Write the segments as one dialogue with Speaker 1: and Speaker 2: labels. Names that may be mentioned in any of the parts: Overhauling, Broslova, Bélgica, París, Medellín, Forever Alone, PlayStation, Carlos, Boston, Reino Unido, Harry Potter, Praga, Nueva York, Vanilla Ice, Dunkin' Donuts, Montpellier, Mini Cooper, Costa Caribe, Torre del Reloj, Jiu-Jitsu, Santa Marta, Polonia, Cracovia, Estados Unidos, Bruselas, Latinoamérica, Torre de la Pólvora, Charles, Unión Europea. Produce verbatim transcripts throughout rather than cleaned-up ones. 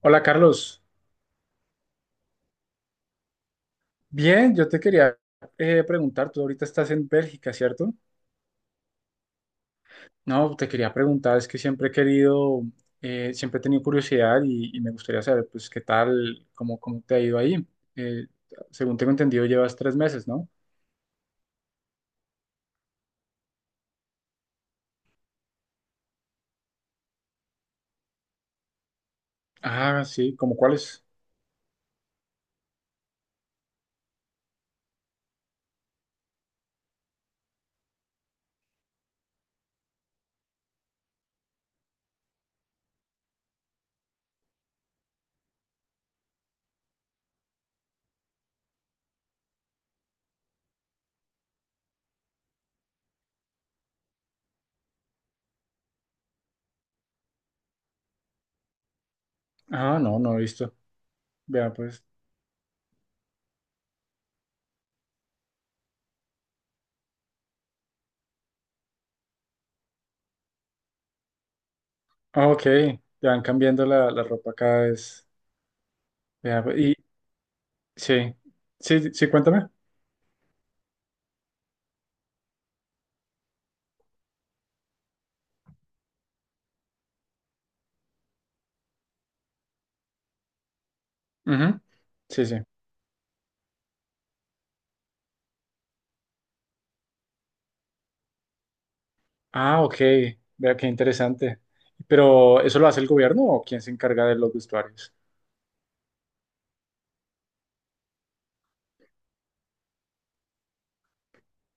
Speaker 1: Hola Carlos, bien, yo te quería eh, preguntar, tú ahorita estás en Bélgica, ¿cierto? No, te quería preguntar, es que siempre he querido, eh, siempre he tenido curiosidad y, y me gustaría saber, pues, qué tal, cómo, cómo te ha ido ahí. Eh, Según tengo entendido, llevas tres meses, ¿no? Ah, sí, ¿cómo cuáles? Ah, no, no he visto. Vea, pues. Ah, ok, te van cambiando la, la ropa cada vez. Vea, pues, y sí, sí, sí, cuéntame. Ujú. Sí, sí. Ah, ok. Vea qué interesante. Pero ¿eso lo hace el gobierno o quién se encarga de los vestuarios?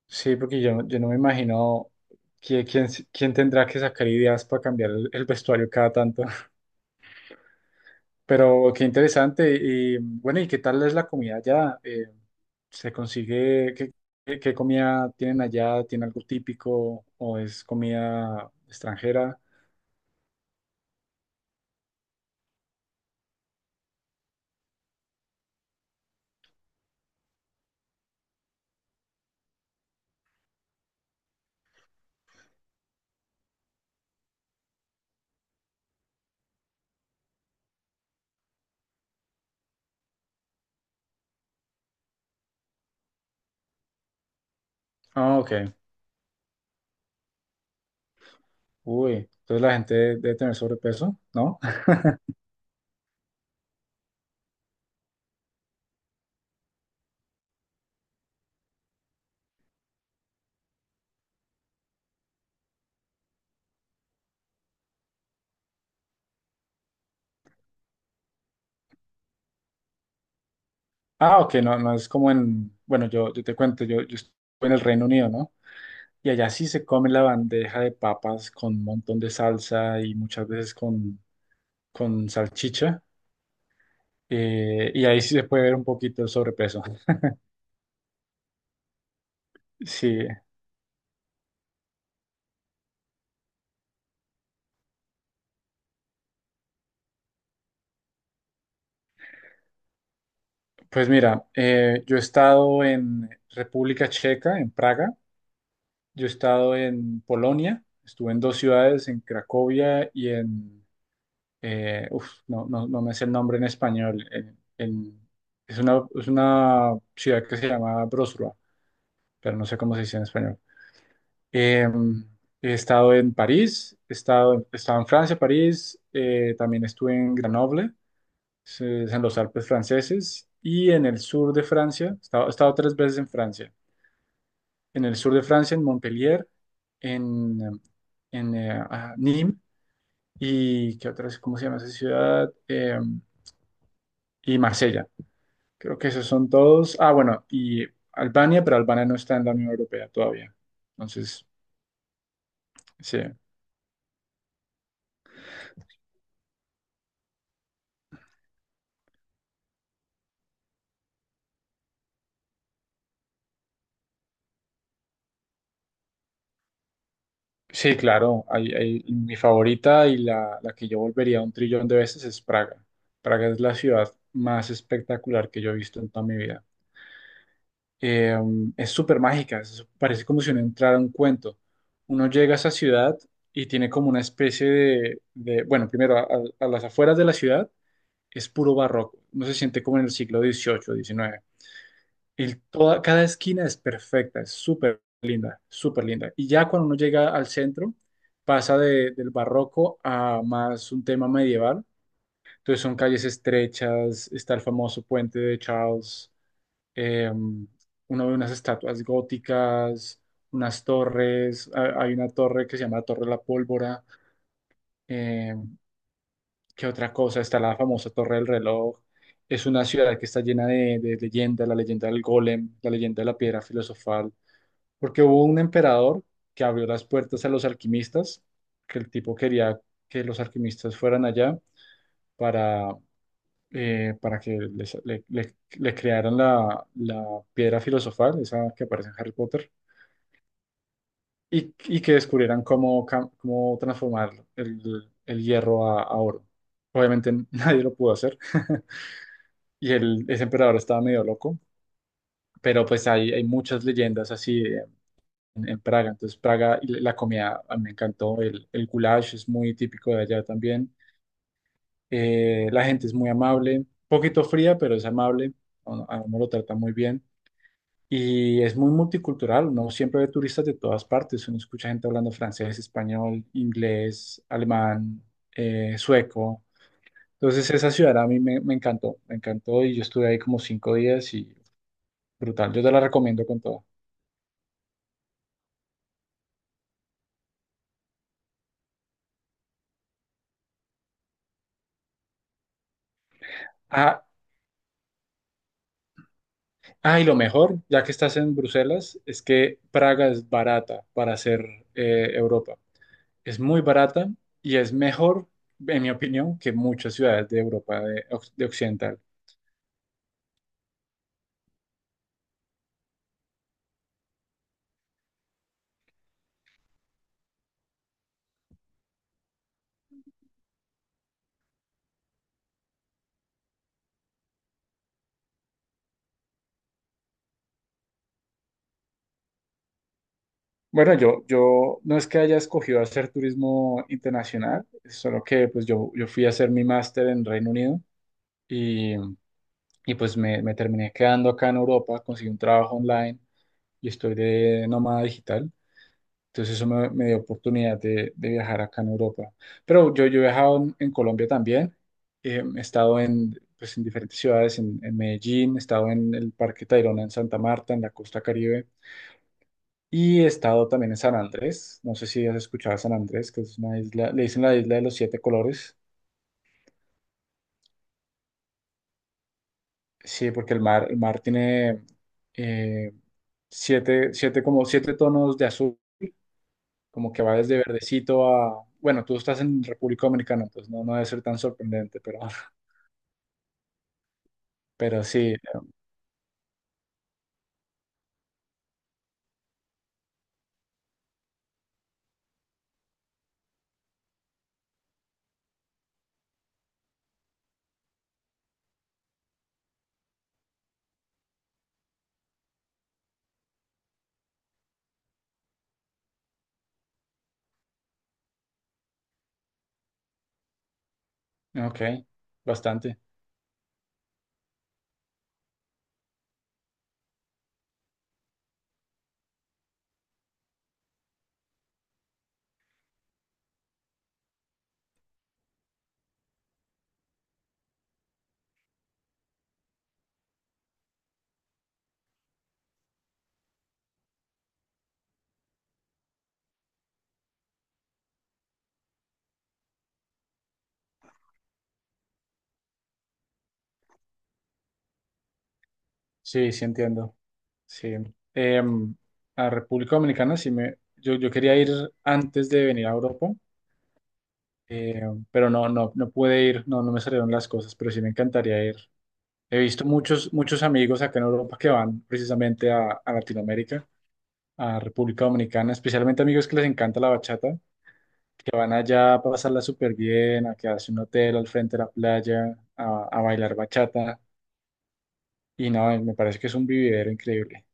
Speaker 1: Sí, porque yo, yo no me imagino qui- quién, quién tendrá que sacar ideas para cambiar el, el vestuario cada tanto. Pero qué interesante. Y bueno, ¿y qué tal es la comida allá? Eh, ¿se consigue? ¿Qué, ¿qué- qué comida tienen allá? ¿Tiene algo típico o es comida extranjera? Ah, ok. Uy, entonces la gente debe tener sobrepeso, ¿no? Ah, ok, no, no es como en, bueno, yo, yo te cuento, yo, yo estuve en el Reino Unido, ¿no? Y allá sí se come la bandeja de papas con un montón de salsa y muchas veces con, con salchicha. Eh, y ahí sí se puede ver un poquito el sobrepeso. Sí, pues mira, eh, yo he estado en República Checa, en Praga, yo he estado en Polonia, estuve en dos ciudades, en Cracovia y en eh, uf, no, no, no me sé el nombre en español. En- en- es una, es una ciudad que se llama Broslova, pero no sé cómo se dice en español. Eh, He estado en París, he estado, he estado en Francia, París, eh, también estuve en Grenoble, es, es en los Alpes franceses, y en el sur de Francia, he estado, he estado tres veces en Francia. En el sur de Francia, en Montpellier, en, eh, en eh, ah, Nîmes, y ¿qué otras? ¿Cómo se llama esa ciudad? Em, y Marsella. Creo que esos son todos. Ah, bueno, y Albania, pero Albania no está en la Unión Europea todavía. Entonces, sí, sí, claro. Hay, hay- mi favorita y la, la que yo volvería un trillón de veces es Praga. Praga es la ciudad más espectacular que yo he visto en toda mi vida. Eh, es súper mágica, es- parece como si uno entrara a un cuento. Uno llega a esa ciudad y tiene como una especie de, de- bueno, primero a, a- las afueras de la ciudad es puro barroco. Uno se siente como en el siglo dieciocho, diecinueve. Y toda, cada esquina es perfecta, es súper linda, súper linda. Y ya cuando uno llega al centro, pasa de- del barroco a más un tema medieval. Entonces son calles estrechas, está el famoso puente de Charles, eh, uno ve unas estatuas góticas, unas torres, ha- hay una torre que se llama la Torre de la Pólvora, eh, ¿qué otra cosa? Está la famosa Torre del Reloj. Es una ciudad que está llena de, de leyendas, la leyenda del golem, la leyenda de la piedra filosofal porque hubo un emperador que abrió las puertas a los alquimistas, que el tipo quería que los alquimistas fueran allá para, eh, para que les- le, le- le crearan la, la piedra filosofal, esa que aparece en Harry Potter, y, y que descubrieran cómo, cam- cómo transformar el, el hierro a, a oro. Obviamente nadie lo pudo hacer, y el, ese emperador estaba medio loco, pero pues hay, hay muchas leyendas así, eh, en, en Praga. Entonces, Praga, y la comida a mí me encantó, el, el goulash es muy típico de allá también. Eh, la gente es muy amable, poquito fría, pero es amable, a uno a uno lo trata muy bien. Y es muy multicultural, uno siempre ve turistas de todas partes, uno escucha gente hablando francés, español, inglés, alemán, eh, sueco. Entonces esa ciudad a mí me, me encantó, me encantó y yo estuve ahí como cinco días y brutal, yo te la recomiendo con todo. Ah, ah, y lo mejor, ya que estás en Bruselas, es que Praga es barata para hacer eh, Europa. Es muy barata y es mejor, en mi opinión, que muchas ciudades de Europa de, oc- de occidental. Bueno, yo, yo no es que haya escogido hacer turismo internacional, solo que pues yo, yo fui a hacer mi máster en Reino Unido y, y, pues me, me terminé quedando acá en Europa, conseguí un trabajo online y estoy de nómada digital. Entonces eso me, me dio oportunidad de, de viajar acá en Europa. Pero yo, yo he viajado en, en Colombia también. Eh, he estado en, pues, en diferentes ciudades, en, en Medellín, he estado en el Parque Tayrona en Santa Marta, en la Costa Caribe, y he estado también en San Andrés. No sé si has escuchado a San Andrés, que es una isla, le dicen la isla de los siete colores. Sí, porque el mar, el mar tiene eh, siete, siete, como siete tonos de azul. Como que va desde verdecito a, bueno, tú estás en República Dominicana, entonces no, no debe ser tan sorprendente, pero, pero sí, ok, bastante. Sí, sí entiendo. Sí. Em, a República Dominicana sí me, yo, yo quería ir antes de venir a Europa, eh, pero no, no, no pude ir, no, no me salieron las cosas, pero sí me encantaría ir. He visto muchos, muchos amigos acá en Europa que van precisamente a, a Latinoamérica, a República Dominicana, especialmente amigos que les encanta la bachata. Que van allá a pasarla súper bien, a quedarse en un hotel al frente de la playa, a, a bailar bachata. Y no, me parece que es un vividero increíble.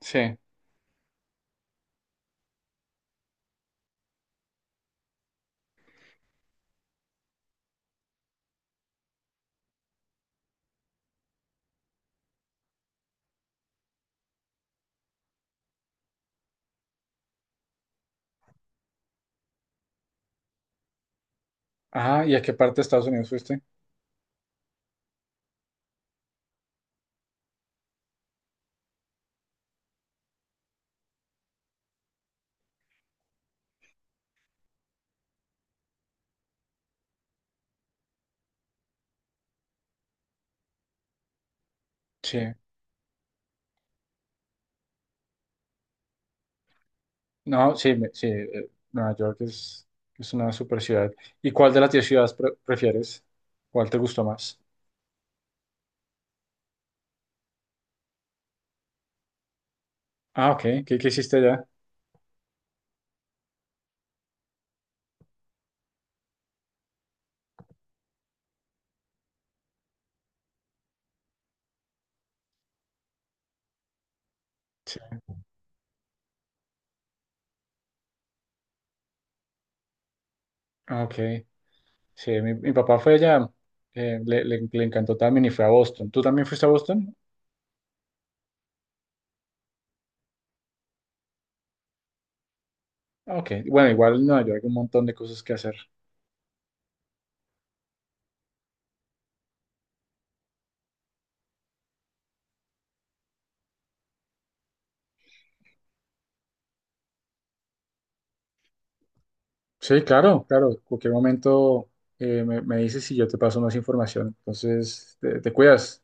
Speaker 1: Sí. Ajá, ¿y a qué parte de Estados Unidos fuiste? Sí. No, sí, me- sí, eh, Nueva York es, es una super ciudad. ¿Y cuál de las diez ciudades pre- prefieres? ¿Cuál te gustó más? Ah, ok. ¿Qué, qué hiciste allá? Sí. Ah, ok. Sí, mi, mi papá fue allá. Eh, le, le- le encantó también y fue a Boston. ¿Tú también fuiste a Boston? Ah, ok. Bueno, igual en Nueva York hay un montón de cosas que hacer. Sí, claro, claro. En cualquier momento eh, me, me dices si yo te paso más información. Entonces, te te cuidas.